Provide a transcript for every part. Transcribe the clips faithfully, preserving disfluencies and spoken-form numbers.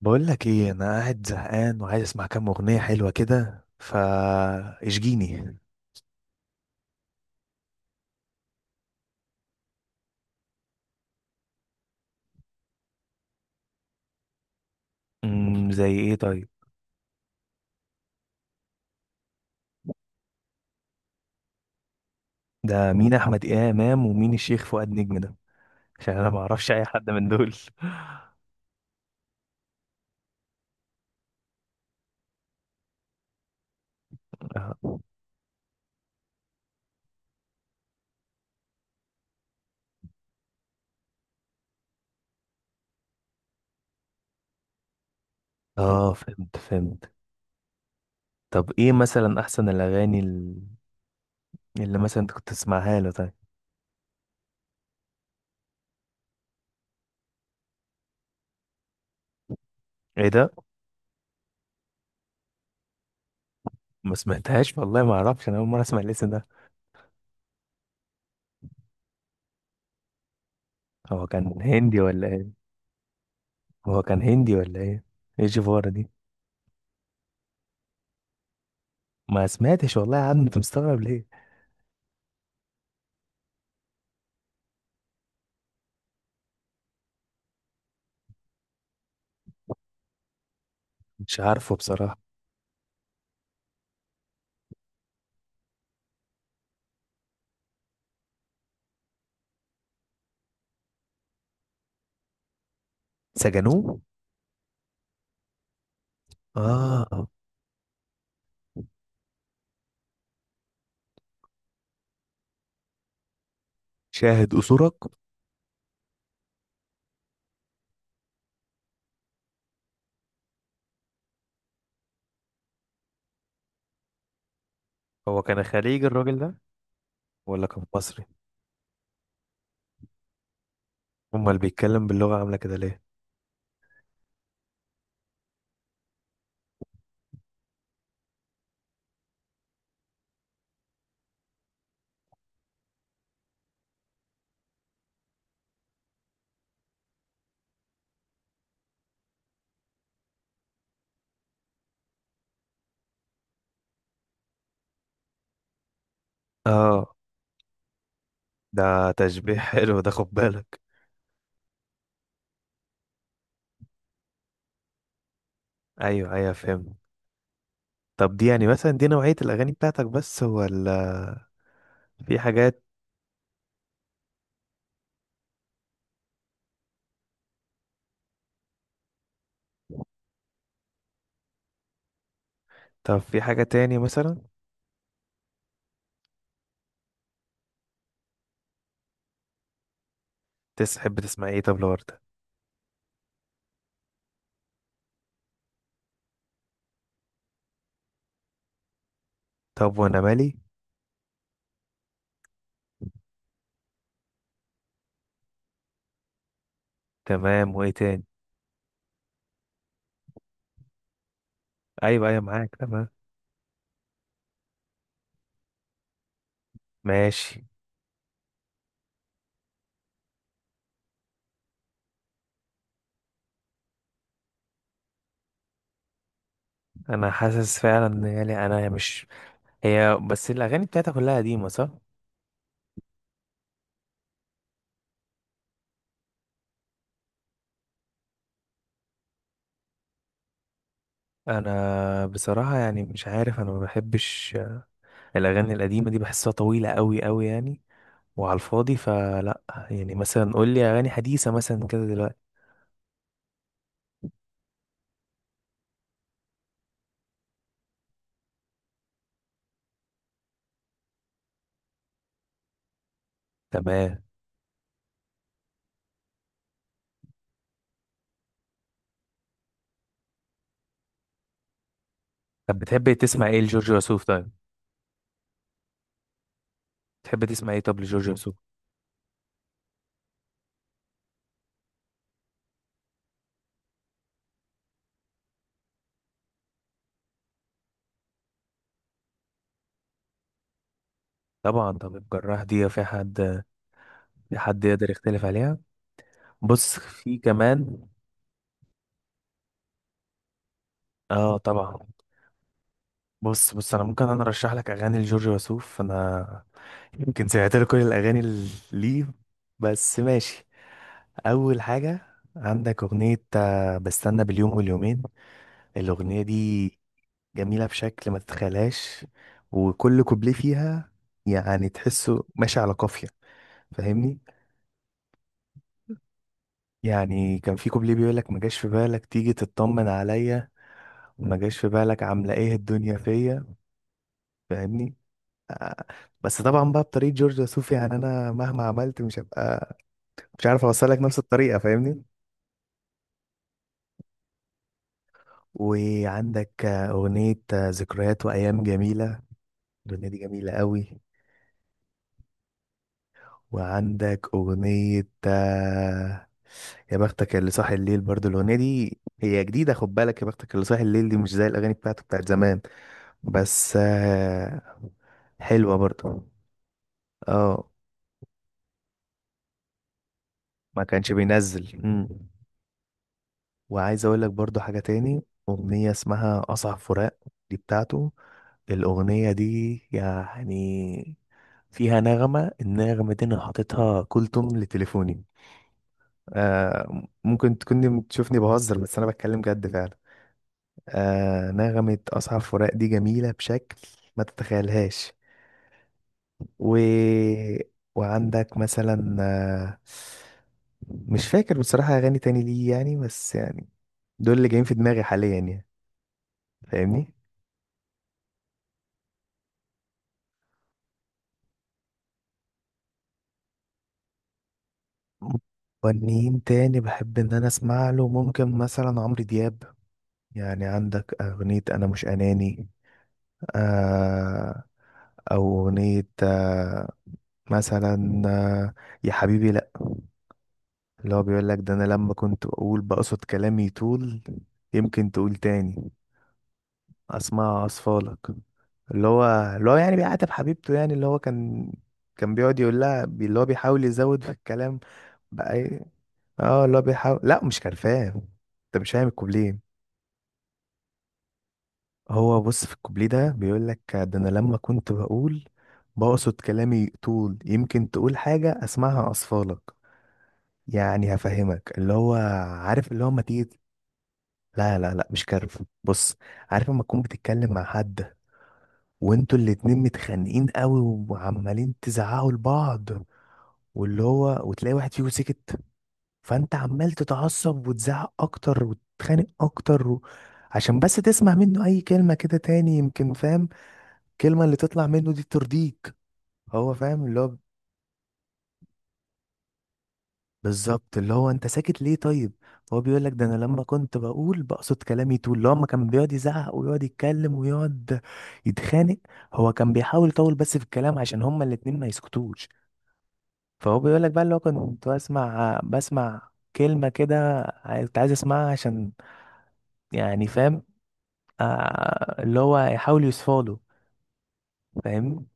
بقول لك ايه، انا قاعد زهقان وعايز اسمع كام اغنيه حلوه كده فا اشجيني. امم زي ايه طيب؟ ده مين احمد امام ومين الشيخ فؤاد نجم ده؟ عشان انا ما اعرفش اي حد من دول اه. آه، فهمت فهمت طب ايه مثلا احسن الاغاني ال- اللي مثلا انت كنت تسمعها له طيب؟ ايه ده؟ ما سمعتهاش والله، ما اعرفش، انا اول مره اسمع الاسم ده. هو كان هندي ولا ايه؟ هو كان هندي ولا ايه؟ ايه الجفاره دي؟ ما سمعتش والله يا عم، انت مستغرب ليه؟ مش عارفه بصراحه. سجنوه؟ اه. شاهد قصورك. هو كان خليجي الراجل ده ولا كان مصري؟ امال اللي بيتكلم باللغة عاملة كده ليه؟ اه، ده تشبيه حلو، ده خد بالك. ايوه ايوه، فهمت. طب دي يعني مثلا دي نوعية الاغاني بتاعتك بس ولا في حاجات؟ طب في حاجة تاني مثلا؟ تحب تسمع ايه طب لوردة؟ طب وانا مالي. تمام، وايه تاني؟ ايوه ايوه، معاك تمام. ماشي. انا حاسس فعلا ان يعني انا مش، هي بس الاغاني بتاعتها كلها قديمة صح؟ انا بصراحه يعني مش عارف، انا ما بحبش الاغاني القديمه دي، بحسها طويله قوي قوي يعني، وعلى الفاضي فلا. يعني مثلا قول لي اغاني حديثه مثلا كده دلوقتي. تمام، طب بتحب تسمع ايه لجورج وسوف طيب؟ بتحب تسمع ايه طب لجورج وسوف؟ طبعا، طب الجراح دي في حد؟ في حد يقدر يختلف عليها؟ بص في كمان. اه طبعا. بص بص، انا ممكن انا ارشح لك اغاني لجورج وسوف، انا يمكن سمعت له كل الاغاني اللي ليه، بس ماشي. اول حاجه، عندك اغنيه آه، بستنى باليوم واليومين. الاغنيه دي جميله بشكل ما تتخيلهاش، وكل كوبليه فيها يعني تحسه ماشي على قافيه، فاهمني؟ يعني كان في كوبليه بيقول لك ما جاش في بالك تيجي تطمن عليا، وما جاش في بالك عامله ايه الدنيا فيا. فاهمني آه، بس طبعا بقى بطريقه جورج وسوف، يعني انا مهما عملت مش هبقى، مش عارف اوصل لك نفس الطريقه، فاهمني؟ وعندك آه، أغنية آه، ذكريات وأيام جميلة. الأغنية دي جميلة قوي. وعندك أغنية آه، يا بختك اللي صاحي الليل، برضو الأغنية دي هي جديدة، خد بالك، يا بختك اللي صاحي الليل دي مش زي الأغاني بتاعته بتاعت زمان، بس آه، حلوة برضو. اه، ما كانش بينزل. مم. وعايز أقول لك برضو حاجة تاني، أغنية اسمها أصعب فراق، دي بتاعته. الأغنية دي يعني فيها نغمة، النغمة دي أنا حاططها كل توم لتليفوني. آه، ممكن تكوني تشوفني بهزر بس أنا بتكلم جد فعلا. آه، نغمة أصحاب فراق دي جميلة بشكل ما تتخيلهاش. و... وعندك مثلا آه، مش فاكر بصراحة أغاني تاني ليه يعني، بس يعني دول اللي جايين في دماغي حاليا يعني، فاهمني؟ مغنيين تاني بحب إن أنا أسمع له، ممكن مثلا عمرو دياب. يعني عندك أغنية أنا مش أناني، آه، او اغنية آه، مثلا آه، يا حبيبي لا، اللي هو بيقول لك ده: انا لما كنت اقول بقصد كلامي يطول، يمكن تقول تاني اسمع اصفالك. اللي هو اللي هو يعني بيعاتب حبيبته، يعني اللي هو كان كان بيقعد يقول لها بي- اللي هو بيحاول يزود في الكلام. بقى إيه؟ اه، اللي هو بيحاول، لا مش كرفان، انت مش فاهم الكوبليه. هو بص في الكوبليه ده بيقول لك ده: انا لما كنت بقول بقصد كلامي طول، يمكن تقول حاجة اسمعها اصفالك. يعني هفهمك، اللي هو عارف، اللي هو ما تيجي، لا لا لا مش كارف، بص. عارف لما تكون بتتكلم مع حد وانتوا الاتنين متخانقين قوي وعمالين تزعقوا لبعض، واللي هو وتلاقي واحد فيكم سكت، فانت عمال تتعصب وتزعق اكتر وتتخانق اكتر و... عشان بس تسمع منه اي كلمة كده تاني، يمكن فاهم؟ الكلمة اللي تطلع منه دي ترضيك، هو فاهم اللي هو. بالظبط، اللي هو انت ساكت ليه طيب؟ هو بيقول لك ده: انا لما كنت بقول بقصد كلامي طول، اللي هو ما كان بيقعد يزعق ويقعد يتكلم ويقعد يتخانق، هو كان بيحاول يطول بس في الكلام عشان هما الاتنين ما يسكتوش. فهو بيقول لك بقى اللي هو كنت بسمع، بسمع كلمة كده كنت عايز اسمعها عشان يعني، فاهم؟ آه، اللي هو يحاول يصفاله، فاهم؟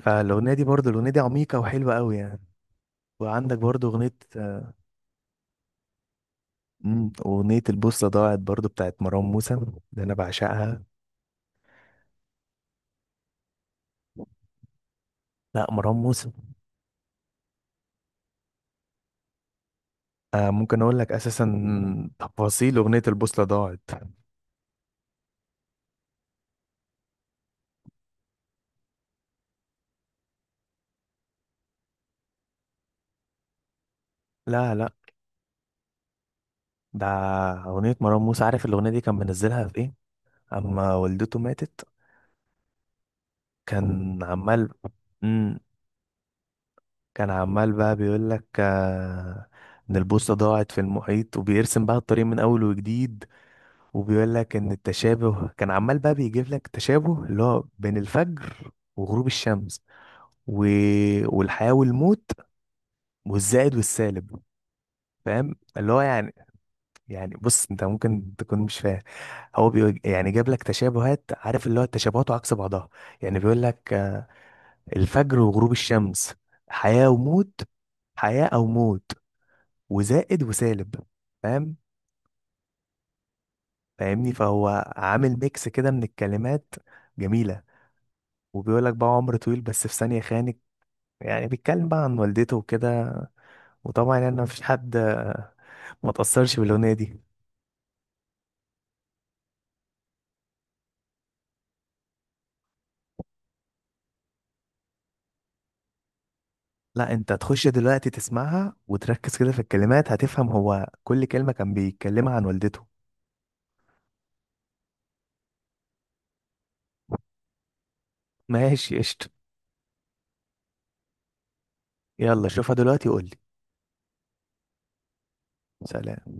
فالأغنية دي برضه، الأغنية دي عميقة وحلوة قوي يعني. وعندك برضه أغنية، مم. أغنية البوصلة ضاعت برضو بتاعت مروان موسى، ده أنا بعشقها. لا مروان موسى. آه، ممكن أقول لك أساسا تفاصيل أغنية البوصلة ضاعت. لا لا، ده أغنية مروان موسى. عارف الأغنية دي كان منزلها في إيه؟ أما والدته ماتت. كان عمال. مم. كان عمال بقى بيقول لك آه، إن البوصلة ضاعت في المحيط وبيرسم بقى الطريق من أول وجديد، وبيقول لك إن التشابه، كان عمال بقى بيجيب لك تشابه اللي هو بين الفجر وغروب الشمس، و... والحياة والموت، والزائد والسالب، فاهم اللي هو يعني؟ يعني بص انت ممكن تكون مش فاهم، هو بي... يعني جاب لك تشابهات، عارف اللي هو التشابهات وعكس بعضها، يعني بيقول لك آه، الفجر وغروب الشمس، حياة وموت، حياة او موت، وزائد وسالب، فاهم؟ فاهمني؟ فهو عامل ميكس كده من الكلمات جميلة، وبيقول لك بقى: عمر طويل بس في ثانية خانك، يعني بيتكلم بقى عن والدته وكده. وطبعا يعني مفيش حد آه، ما تأثرش بالأغنية دي. لا انت تخش دلوقتي تسمعها وتركز كده في الكلمات، هتفهم هو كل كلمة كان بيتكلمها عن والدته. ماشي قشطة. يلا شوفها دلوقتي وقول لي. سلام.